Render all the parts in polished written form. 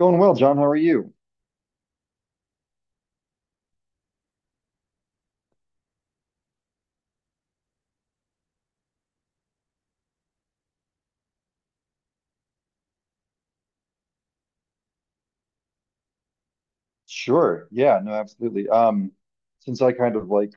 Going well, John. How are you? Sure. Yeah, no, absolutely. Since I kind of like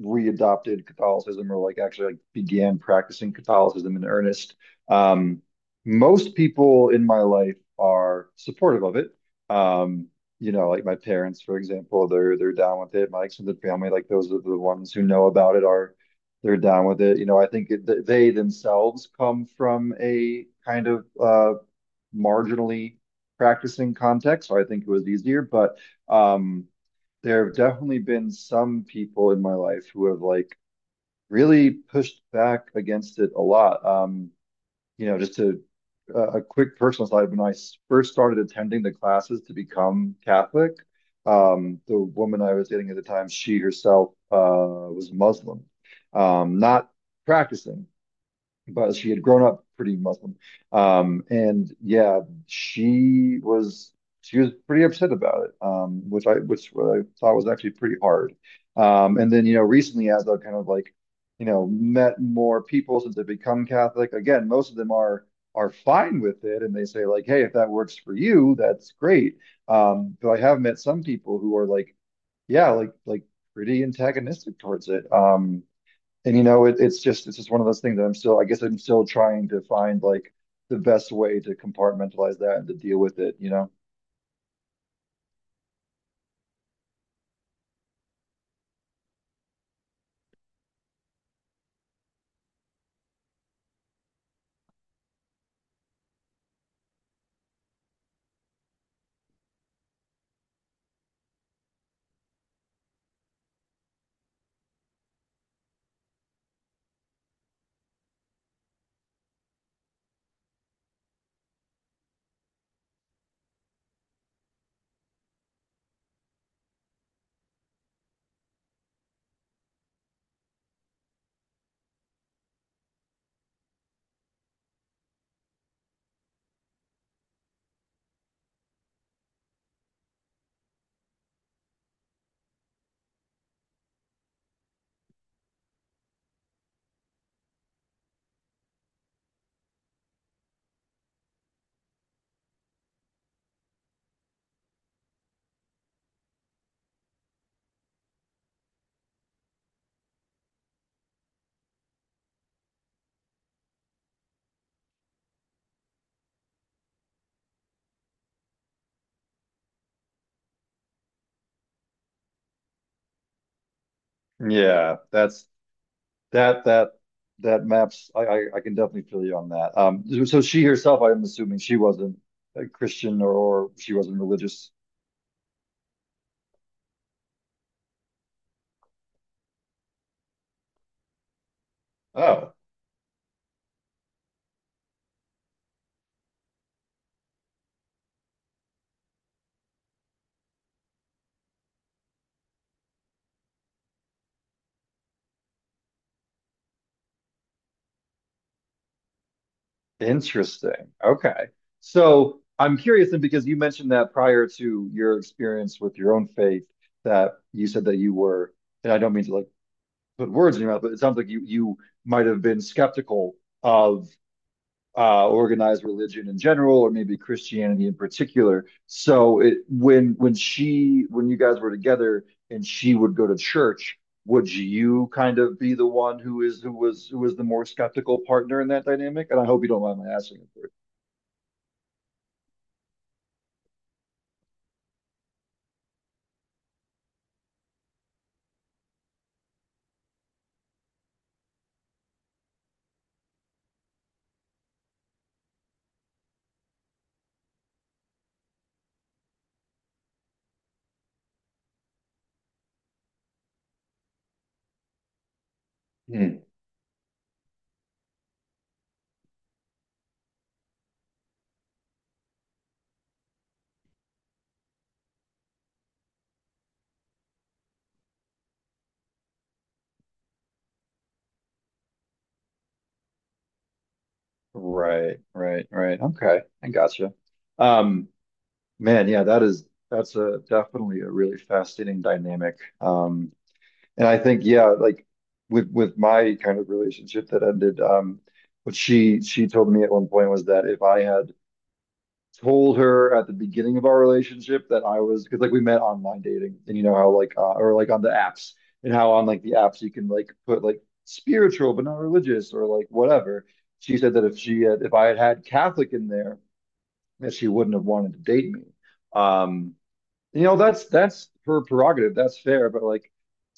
readopted Catholicism or like actually like began practicing Catholicism in earnest. um, Most people in my life are supportive of it. Um, you know, like my parents, for example, they're down with it. My extended family, like those are the ones who know about it, are they're down with it. You know, I think they themselves come from a kind of marginally practicing context, so I think it was easier. But um, there have definitely been some people in my life who have like really pushed back against it a lot. You know, just to a quick personal side, when I first started attending the classes to become Catholic, the woman I was dating at the time, she herself was Muslim, not practicing, but she had grown up pretty Muslim. And yeah, she was she was pretty upset about it, which I which what I thought was actually pretty hard. And then, you know, recently, as I've kind of like you know met more people since I've become Catholic, again, most of them are fine with it, and they say like, hey, if that works for you, that's great. But I have met some people who are like, yeah, like pretty antagonistic towards it. And you know it's just one of those things that I guess I'm still trying to find like the best way to compartmentalize that and to deal with it, you know? Yeah, that's that that that maps. I can definitely feel you on that. So she herself, I'm assuming, she wasn't a Christian, or she wasn't religious. Oh, interesting. Okay. So I'm curious then, because you mentioned that prior to your experience with your own faith, that you said that you were, and I don't mean to like put words in your mouth, but it sounds like you might have been skeptical of organized religion in general, or maybe Christianity in particular. So it, when she when you guys were together and she would go to church, would you kind of be the one who is who was the more skeptical partner in that dynamic? And I hope you don't mind my asking. It, Bert. Hmm. Right, right, right. Okay, I gotcha. Um, Man, yeah, that is that's a definitely a really fascinating dynamic. And I think, yeah, like with my kind of relationship that ended, what she told me at one point was that if I had told her at the beginning of our relationship that I was, because like we met online dating and you know how like or like on the apps, and how on like the apps you can like put like spiritual but not religious or like whatever. She said that if I had had Catholic in there, that she wouldn't have wanted to date me. Um, you know, that's her prerogative. That's fair. But like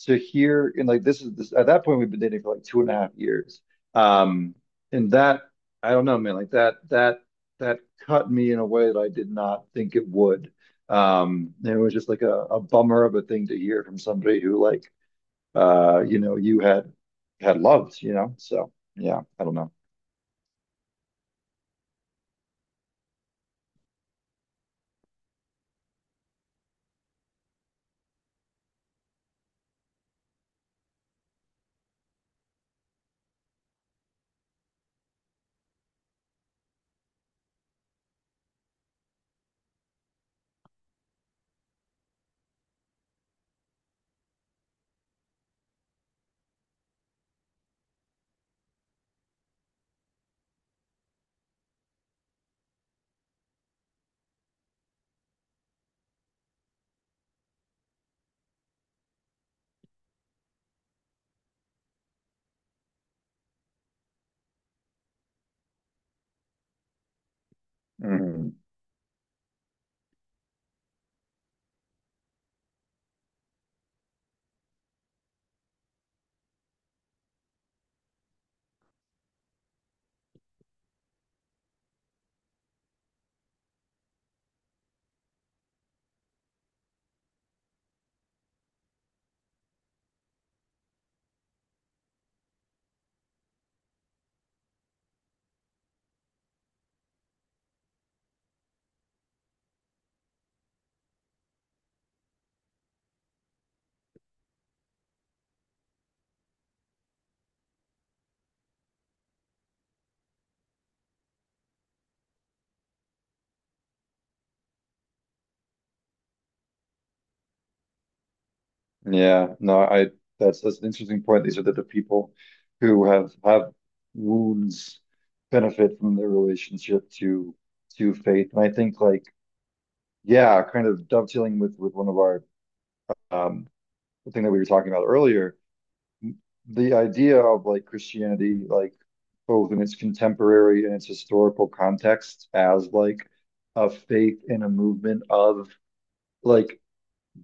to hear, and like this is, this at that point, we've been dating for like 2.5 years. Um, and that, I don't know, man, like that cut me in a way that I did not think it would. And it was just like a bummer of a thing to hear from somebody who like you know, you had had loved, you know. So yeah, I don't know. Mhm. Yeah, no, I that's an interesting point. These are the people who have wounds, benefit from their relationship to faith. And I think like, yeah, kind of dovetailing with one of our um the thing that we were talking about earlier, the idea of like Christianity, like both in its contemporary and its historical context as like a faith and a movement of like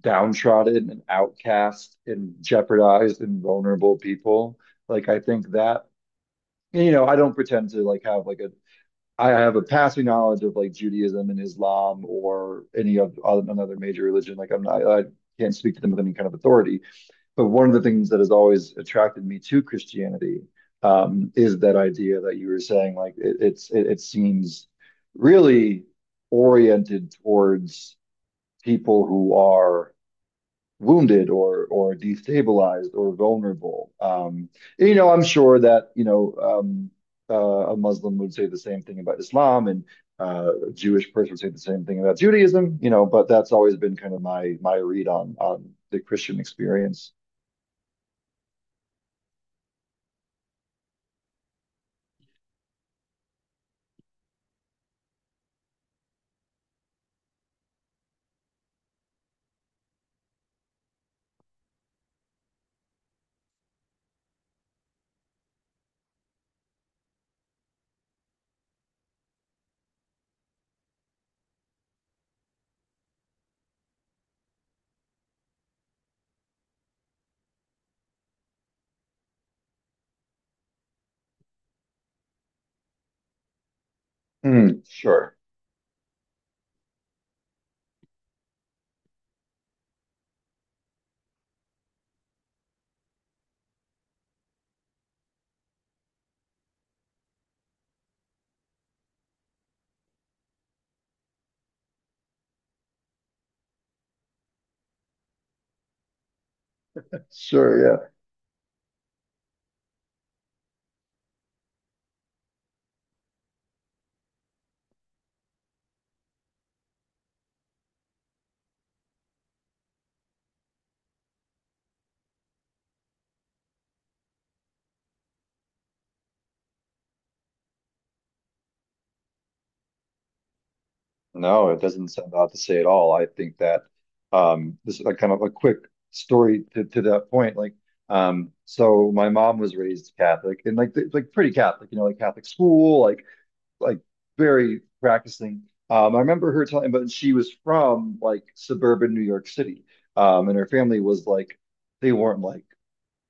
downtrodden and outcast and jeopardized and vulnerable people. Like I think that you know, I don't pretend to like have like a I have a passing knowledge of like Judaism and Islam or any of another major religion. Like I'm not I can't speak to them with any kind of authority. But one of the things that has always attracted me to Christianity is that idea that you were saying like it's it seems really oriented towards people who are wounded or destabilized or vulnerable. You know, I'm sure that you know a Muslim would say the same thing about Islam, and a Jewish person would say the same thing about Judaism. You know, but that's always been kind of my my read on the Christian experience. Mm, sure. Sure, yeah. No, it doesn't sound odd to say at all. I think that this is like kind of a quick story to that point. Like so my mom was raised Catholic and like like pretty Catholic, you know, like Catholic school, like very practicing. I remember her telling, but she was from like suburban New York City. And her family was like they weren't like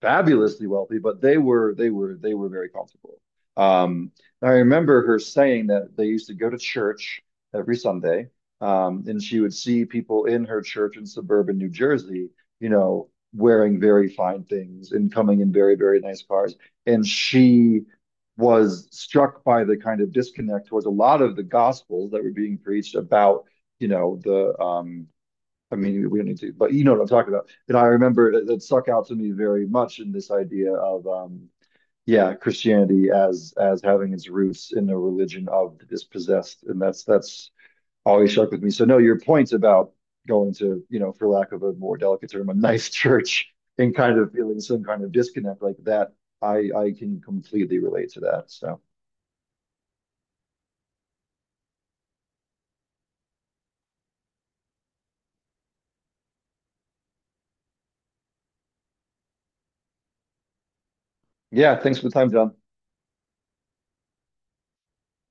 fabulously wealthy, but they were very comfortable. Um, I remember her saying that they used to go to church every Sunday, and she would see people in her church in suburban New Jersey, you know, wearing very fine things and coming in very, very nice cars. And she was struck by the kind of disconnect towards a lot of the gospels that were being preached about, you know, the I mean, we don't need to, but you know what I'm talking about. And I remember that, that stuck out to me very much in this idea of, yeah, Christianity as having its roots in a religion of the dispossessed, and that's always stuck with me. So no, your point about going to, you know, for lack of a more delicate term, a nice church and kind of feeling some kind of disconnect like that, I can completely relate to that. So yeah, thanks for the time, John.